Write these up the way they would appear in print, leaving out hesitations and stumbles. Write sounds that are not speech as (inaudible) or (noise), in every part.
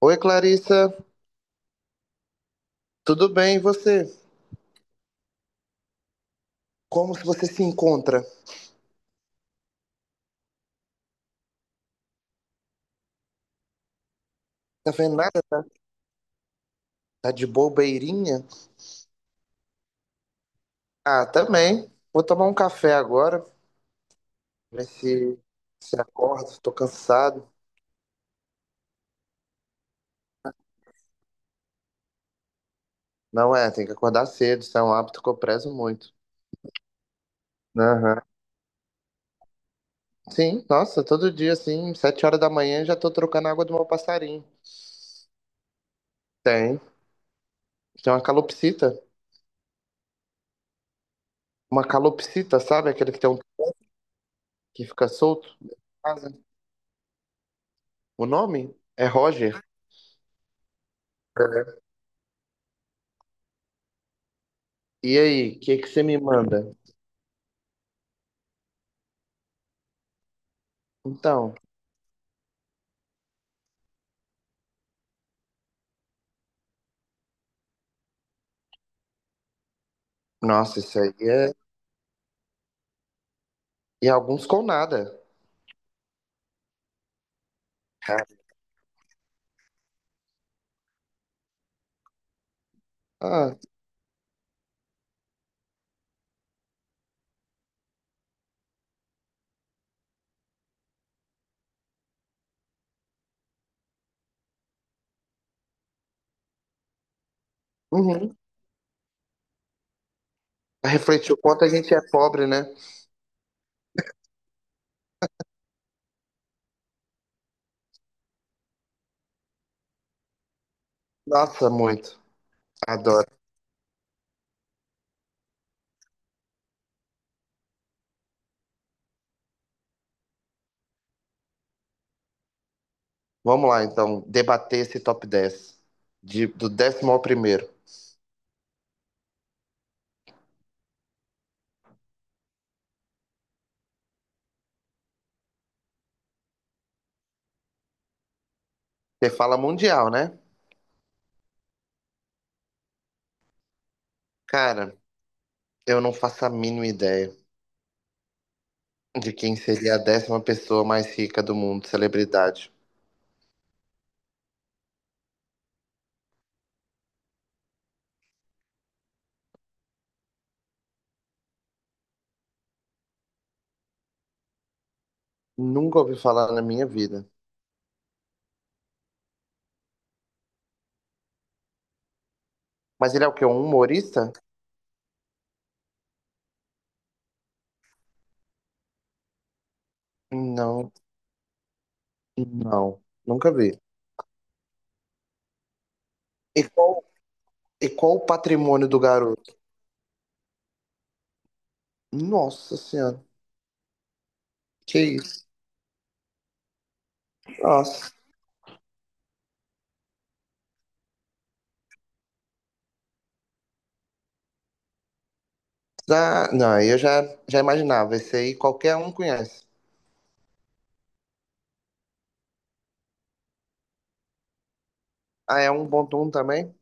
Oi, Clarissa. Tudo bem, e você? Como se você se encontra? Tá vendo nada? Tá tá de bobeirinha? Ah, também. Vou tomar um café agora, ver se acorda. Tô cansado. Não é, tem que acordar cedo. Isso é um hábito que eu prezo muito. Aham. Sim, nossa, todo dia, assim, 7 horas da manhã, já tô trocando a água do meu passarinho. Tem. Tem uma calopsita. Uma calopsita, sabe? Aquele que tem um que fica solto. Casa. O nome é Roger. É. E aí, o que que você me manda? Então, nossa, isso aí é. E alguns com nada. Cara, ah, uhum. Refletir o quanto a gente é pobre, né? Nossa, muito. Adoro. Vamos lá, então, debater esse top 10. Do 10º ao primeiro. Você fala mundial, né? Cara, eu não faço a mínima ideia de quem seria a 10ª pessoa mais rica do mundo, celebridade. Nunca ouvi falar na minha vida. Mas ele é o quê? Um humorista? Não, não. Nunca vi. E qual, e qual o patrimônio do garoto? Nossa Senhora, que isso? Nossa. Ah, não, eu já imaginava, esse aí qualquer um conhece. Ah, é um Bontum também?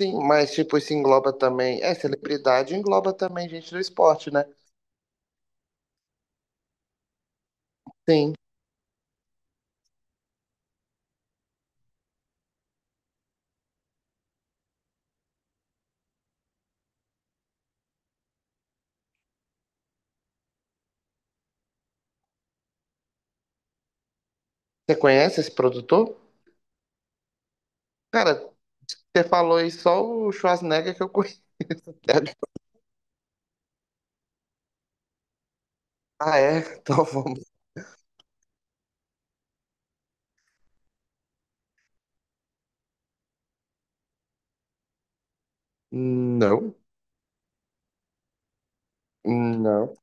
Sim, mas tipo, isso engloba também. É, celebridade engloba também gente do esporte, né? Sim. Você conhece esse produtor? Cara, você falou aí só o Schwarzenegger que eu conheço. (laughs) Ah, é? Então vamos. Não, não.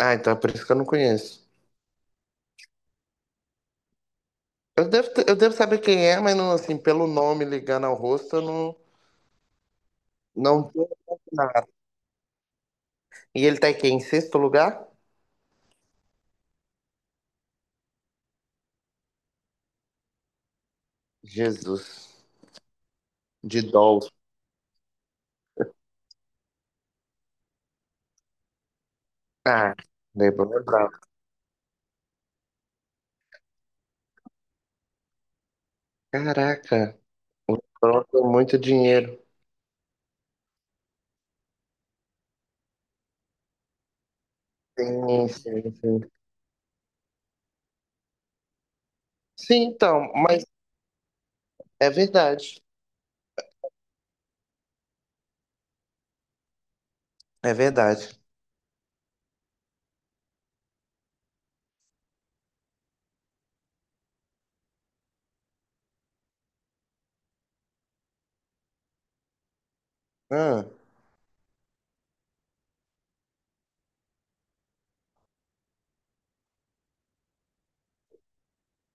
Ah, então é por isso que eu não conheço. Eu devo saber quem é, mas não, assim, pelo nome ligando ao rosto, eu não, não tô. E ele tá aqui em sexto lugar? Jesus. De Dolph. Ah, Lebron é. Caraca, pronto, muito dinheiro. Sim, sim, sim. Sim, então, mas é verdade. É verdade. Ah,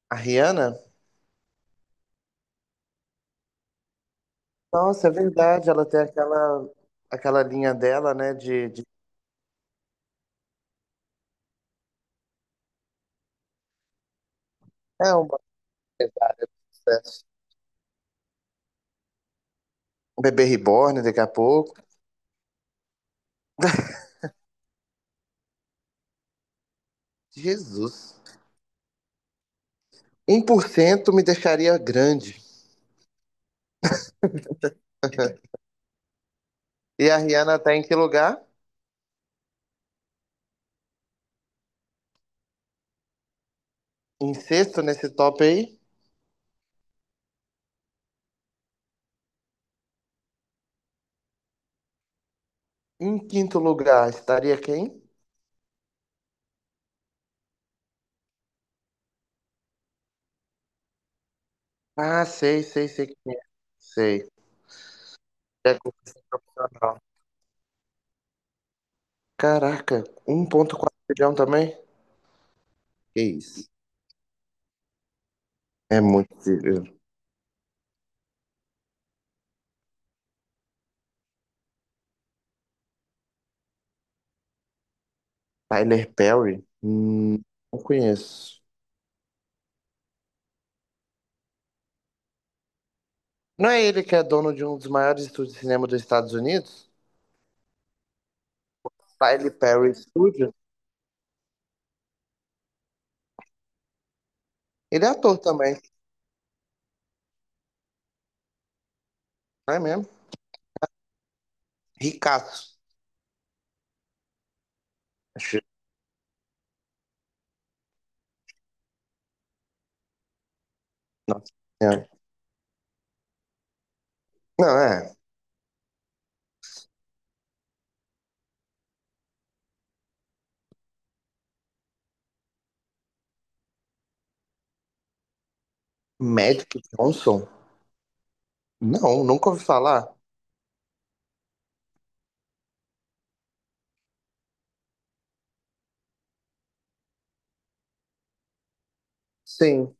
a Rihanna? Nossa, é verdade. Ela tem aquela linha dela, né? É um processo. Um Bebê reborn daqui a pouco. Jesus. 1% me deixaria grande. (laughs) E a Rihanna tá em que lugar? Em sexto nesse top aí? Em quinto lugar, estaria quem? Ah, sei, sei, sei quem é. Sei. É cultural. Caraca, 1,4 bilhão também? Que isso? É muito dinheiro. Tyler Perry? Não conheço. Não é ele que é dono de um dos maiores estúdios de cinema dos Estados Unidos? Tyler Perry Studio? Ele é ator também, não é mesmo? Ricaço. Acho- Nossa Senhora. Não, é. Magic Johnson? Não, nunca ouvi falar. Sim.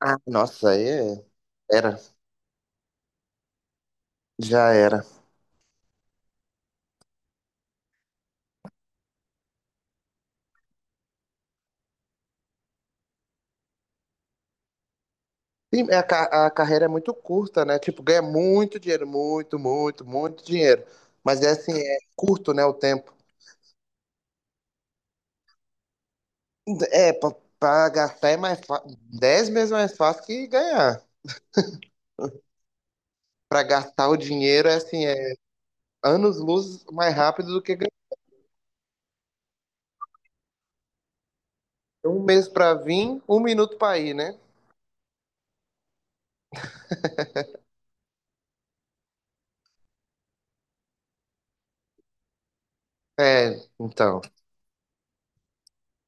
Ah, nossa, aí é. Era. Já era. Sim, é, a carreira é muito curta, né? Tipo, ganha muito dinheiro, muito, muito, muito dinheiro. Mas é assim, é curto, né, o tempo. É, pra gastar é mais fácil, 10 vezes mais fácil que ganhar. Pra gastar o dinheiro é assim, é anos-luz mais rápido do que ganhar. Um mês pra vir, um minuto pra ir, né? É, então.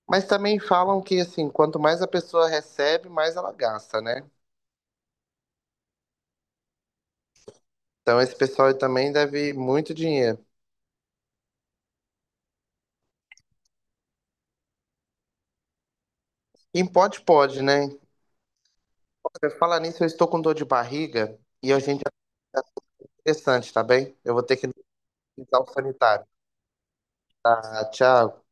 Mas também falam que, assim, quanto mais a pessoa recebe, mais ela gasta, né? Então esse pessoal aí também deve muito dinheiro. Quem pode, pode, né? Você fala nisso, eu estou com dor de barriga e a gente é interessante, tá bem? Eu vou ter que ir no hospital sanitário. Tá, tchau.